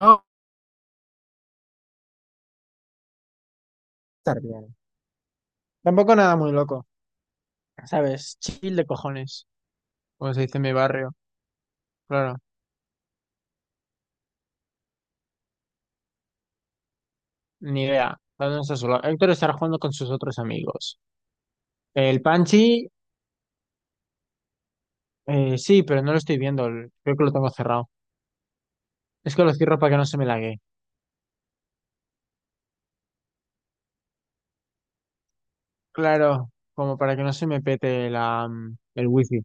No, estar bien. Tampoco nada muy loco, ¿sabes? Chill de cojones, como se dice en mi barrio. Claro, ni idea. ¿Dónde está solo? Héctor estará jugando con sus otros amigos. El Panchi, sí, pero no lo estoy viendo. Creo que lo tengo cerrado. Es que lo cierro para que no se me lague. Claro, como para que no se me pete el wifi.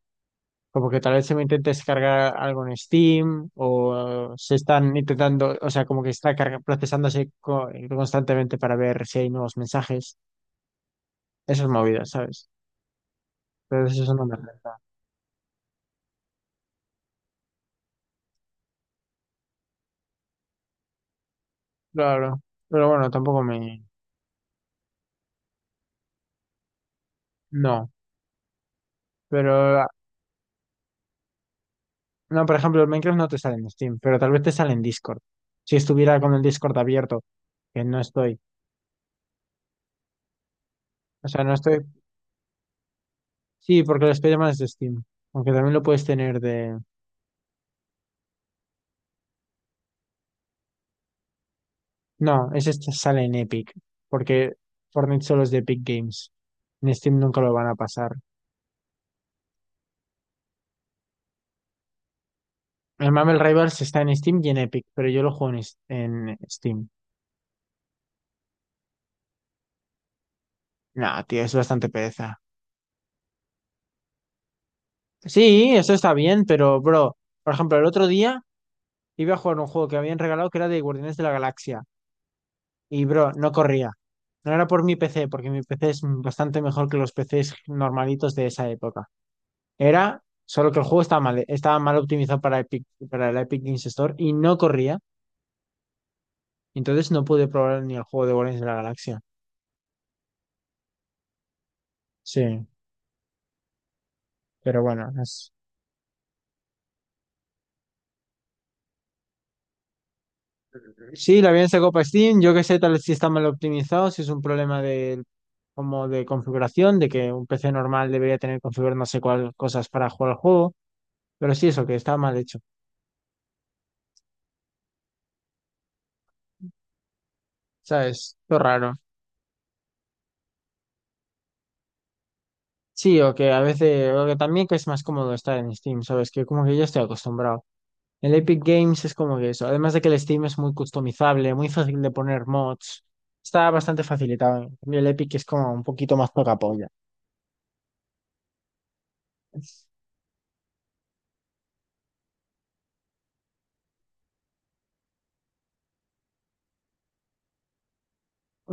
Como que tal vez se me intente descargar algo en Steam o se están intentando, o sea, como que está procesándose constantemente para ver si hay nuevos mensajes. Esas movidas, ¿sabes? Pero eso no me mermelada. Claro. Pero bueno, tampoco me... No. Pero... ah, No, por ejemplo, el Minecraft no te sale en Steam, pero tal vez te sale en Discord. Si estuviera con el Discord abierto, que no estoy. O sea, no estoy... Sí, porque el Spider-Man es de Steam. Aunque también lo puedes tener de... No, ese este sale en Epic. Porque Fortnite solo es de Epic Games. En Steam nunca lo van a pasar. El Marvel Rivals está en Steam y en Epic, pero yo lo juego en Steam. No, tío, es bastante pereza. Sí, eso está bien, pero, bro, por ejemplo, el otro día iba a jugar un juego que habían regalado que era de Guardianes de la Galaxia. Y, bro, no corría. No era por mi PC, porque mi PC es bastante mejor que los PCs normalitos de esa época. Era solo que el juego estaba mal optimizado para Epic, para el Epic Games Store y no corría. Entonces no pude probar ni el juego de Guardianes de la Galaxia. Sí, pero bueno, es... Sí, la bien sacó para Steam. Yo que sé, tal vez si está mal optimizado, si es un problema de, como de configuración, de que un PC normal debería tener configurar no sé cuál cosas para jugar al juego, pero sí eso, que está mal hecho, ¿sabes? Lo raro. Sí, o que a veces, o que también que es más cómodo estar en Steam, ¿sabes? Que como que yo estoy acostumbrado. El Epic Games es como que eso, además de que el Steam es muy customizable, muy fácil de poner mods, está bastante facilitado. En cambio, el Epic es como un poquito más poca polla.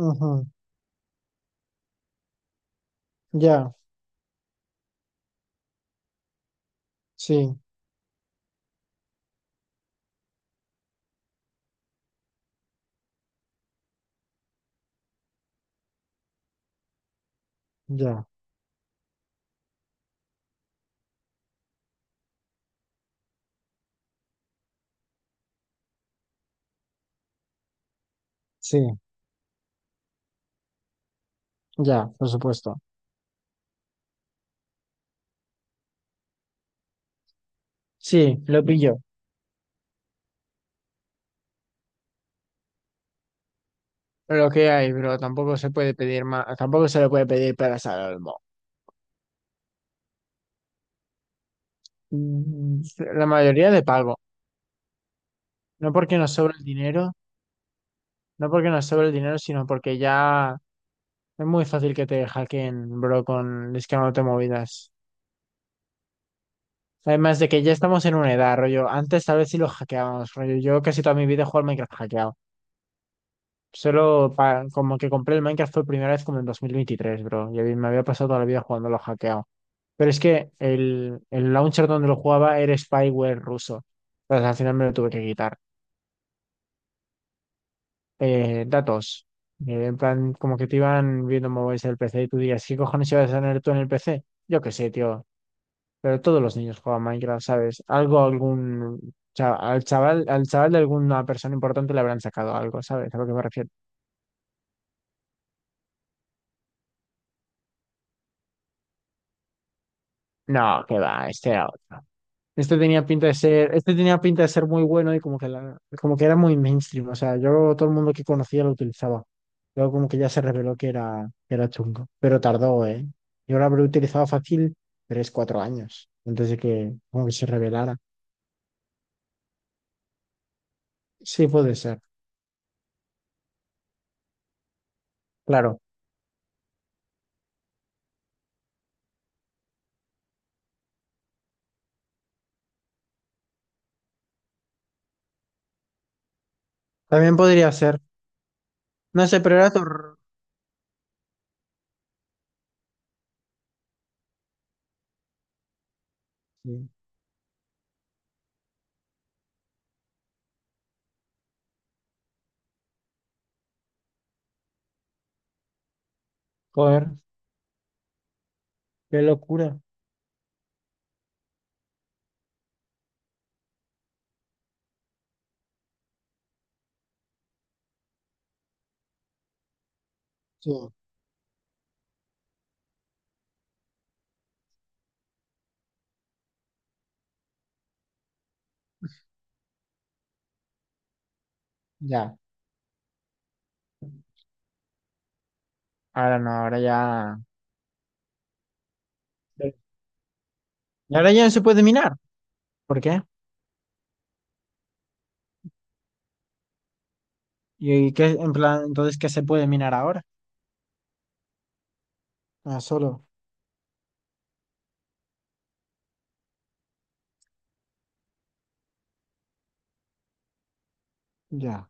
Ujú, ya, sí, ya. Sí, ya, por supuesto. Sí, lo pillo. Lo que hay, bro, tampoco se puede pedir más, tampoco se le puede pedir peras al olmo. Mm, La mayoría de pago. No porque nos sobre el dinero, No porque nos sobre el dinero, sino porque ya es muy fácil que te hackeen, bro, con te movidas. Además de que ya estamos en una edad, rollo. Antes tal vez sí lo hackeábamos, rollo. Yo casi toda mi vida he jugado al Minecraft hackeado. Como que compré el Minecraft fue primera vez como en 2023, bro. Me había pasado toda la vida jugándolo hackeado. Pero es que el launcher donde lo jugaba era spyware ruso. Entonces al final me lo tuve que quitar. Datos. En plan, como que te iban viendo móviles del PC y tú digas, ¿qué cojones ibas a tener tú en el PC? Yo qué sé, tío. Pero todos los niños juegan Minecraft, ¿sabes? Algo, algún. Al chaval de alguna persona importante le habrán sacado algo, ¿sabes? A lo que me refiero. No, que va, este era otro. Este tenía pinta de ser, Este tenía pinta de ser muy bueno y como que era muy mainstream. O sea, yo todo el mundo que conocía lo utilizaba. Luego como que ya se reveló que era chungo. Pero tardó, ¿eh? Yo lo habré utilizado fácil tres, cuatro años antes de que como que se revelara. Sí, puede ser. Claro. También podría ser. No sé, pero era tor- Sí. Joder, qué locura. Sí. Ya. Ahora no, ahora ya. Y ahora ya no se puede minar. ¿Por qué? ¿Y qué, en plan, entonces qué se puede minar ahora? Ah, solo. Ya,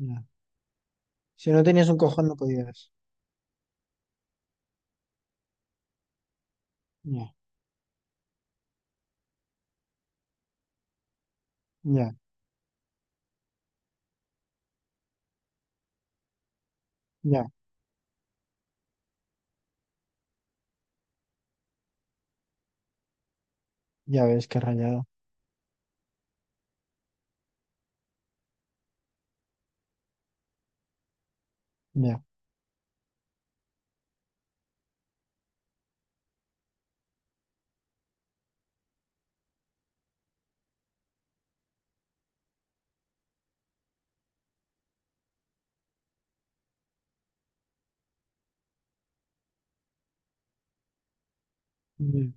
ya. Si no tenías un cojón, no podías. Ya, ya, ya. Ya ves qué rayado. Ya. Ya.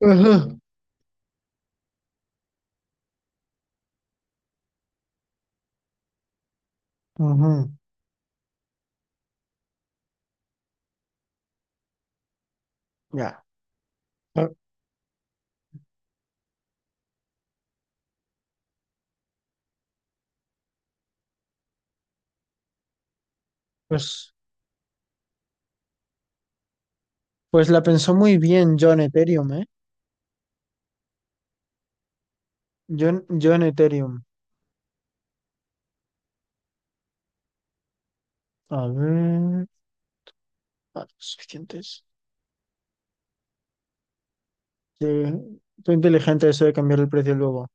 Ajá. Ujú. Ya. Ah, pues, pues la pensó muy bien John Ethereum, ¿eh? John, John Ethereum. A ver. Ah, suficientes. Sí. Fue inteligente eso de cambiar el precio luego.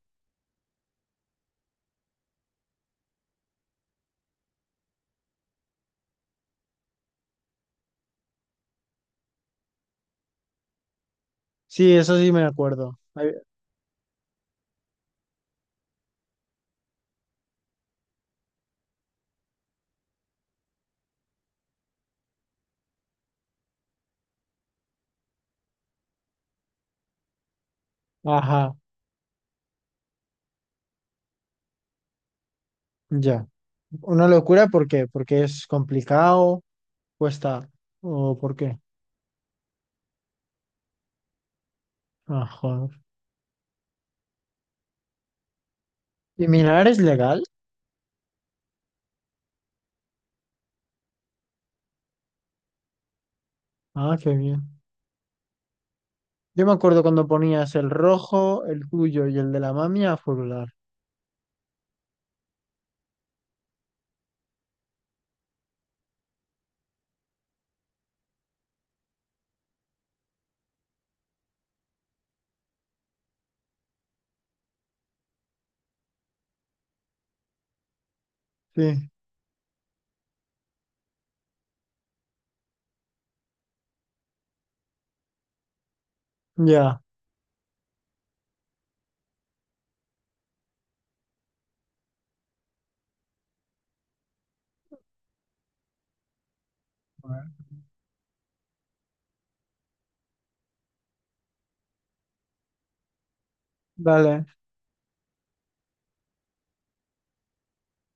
Sí, eso sí me acuerdo. Ay, ajá, ya. Una locura, ¿por qué? Porque es complicado, cuesta. ¿O por qué? Ajá. ¿Y minar es legal? Ah, qué bien. Yo me acuerdo cuando ponías el rojo, el tuyo y el de la mami a furular. Sí, ya. Vale.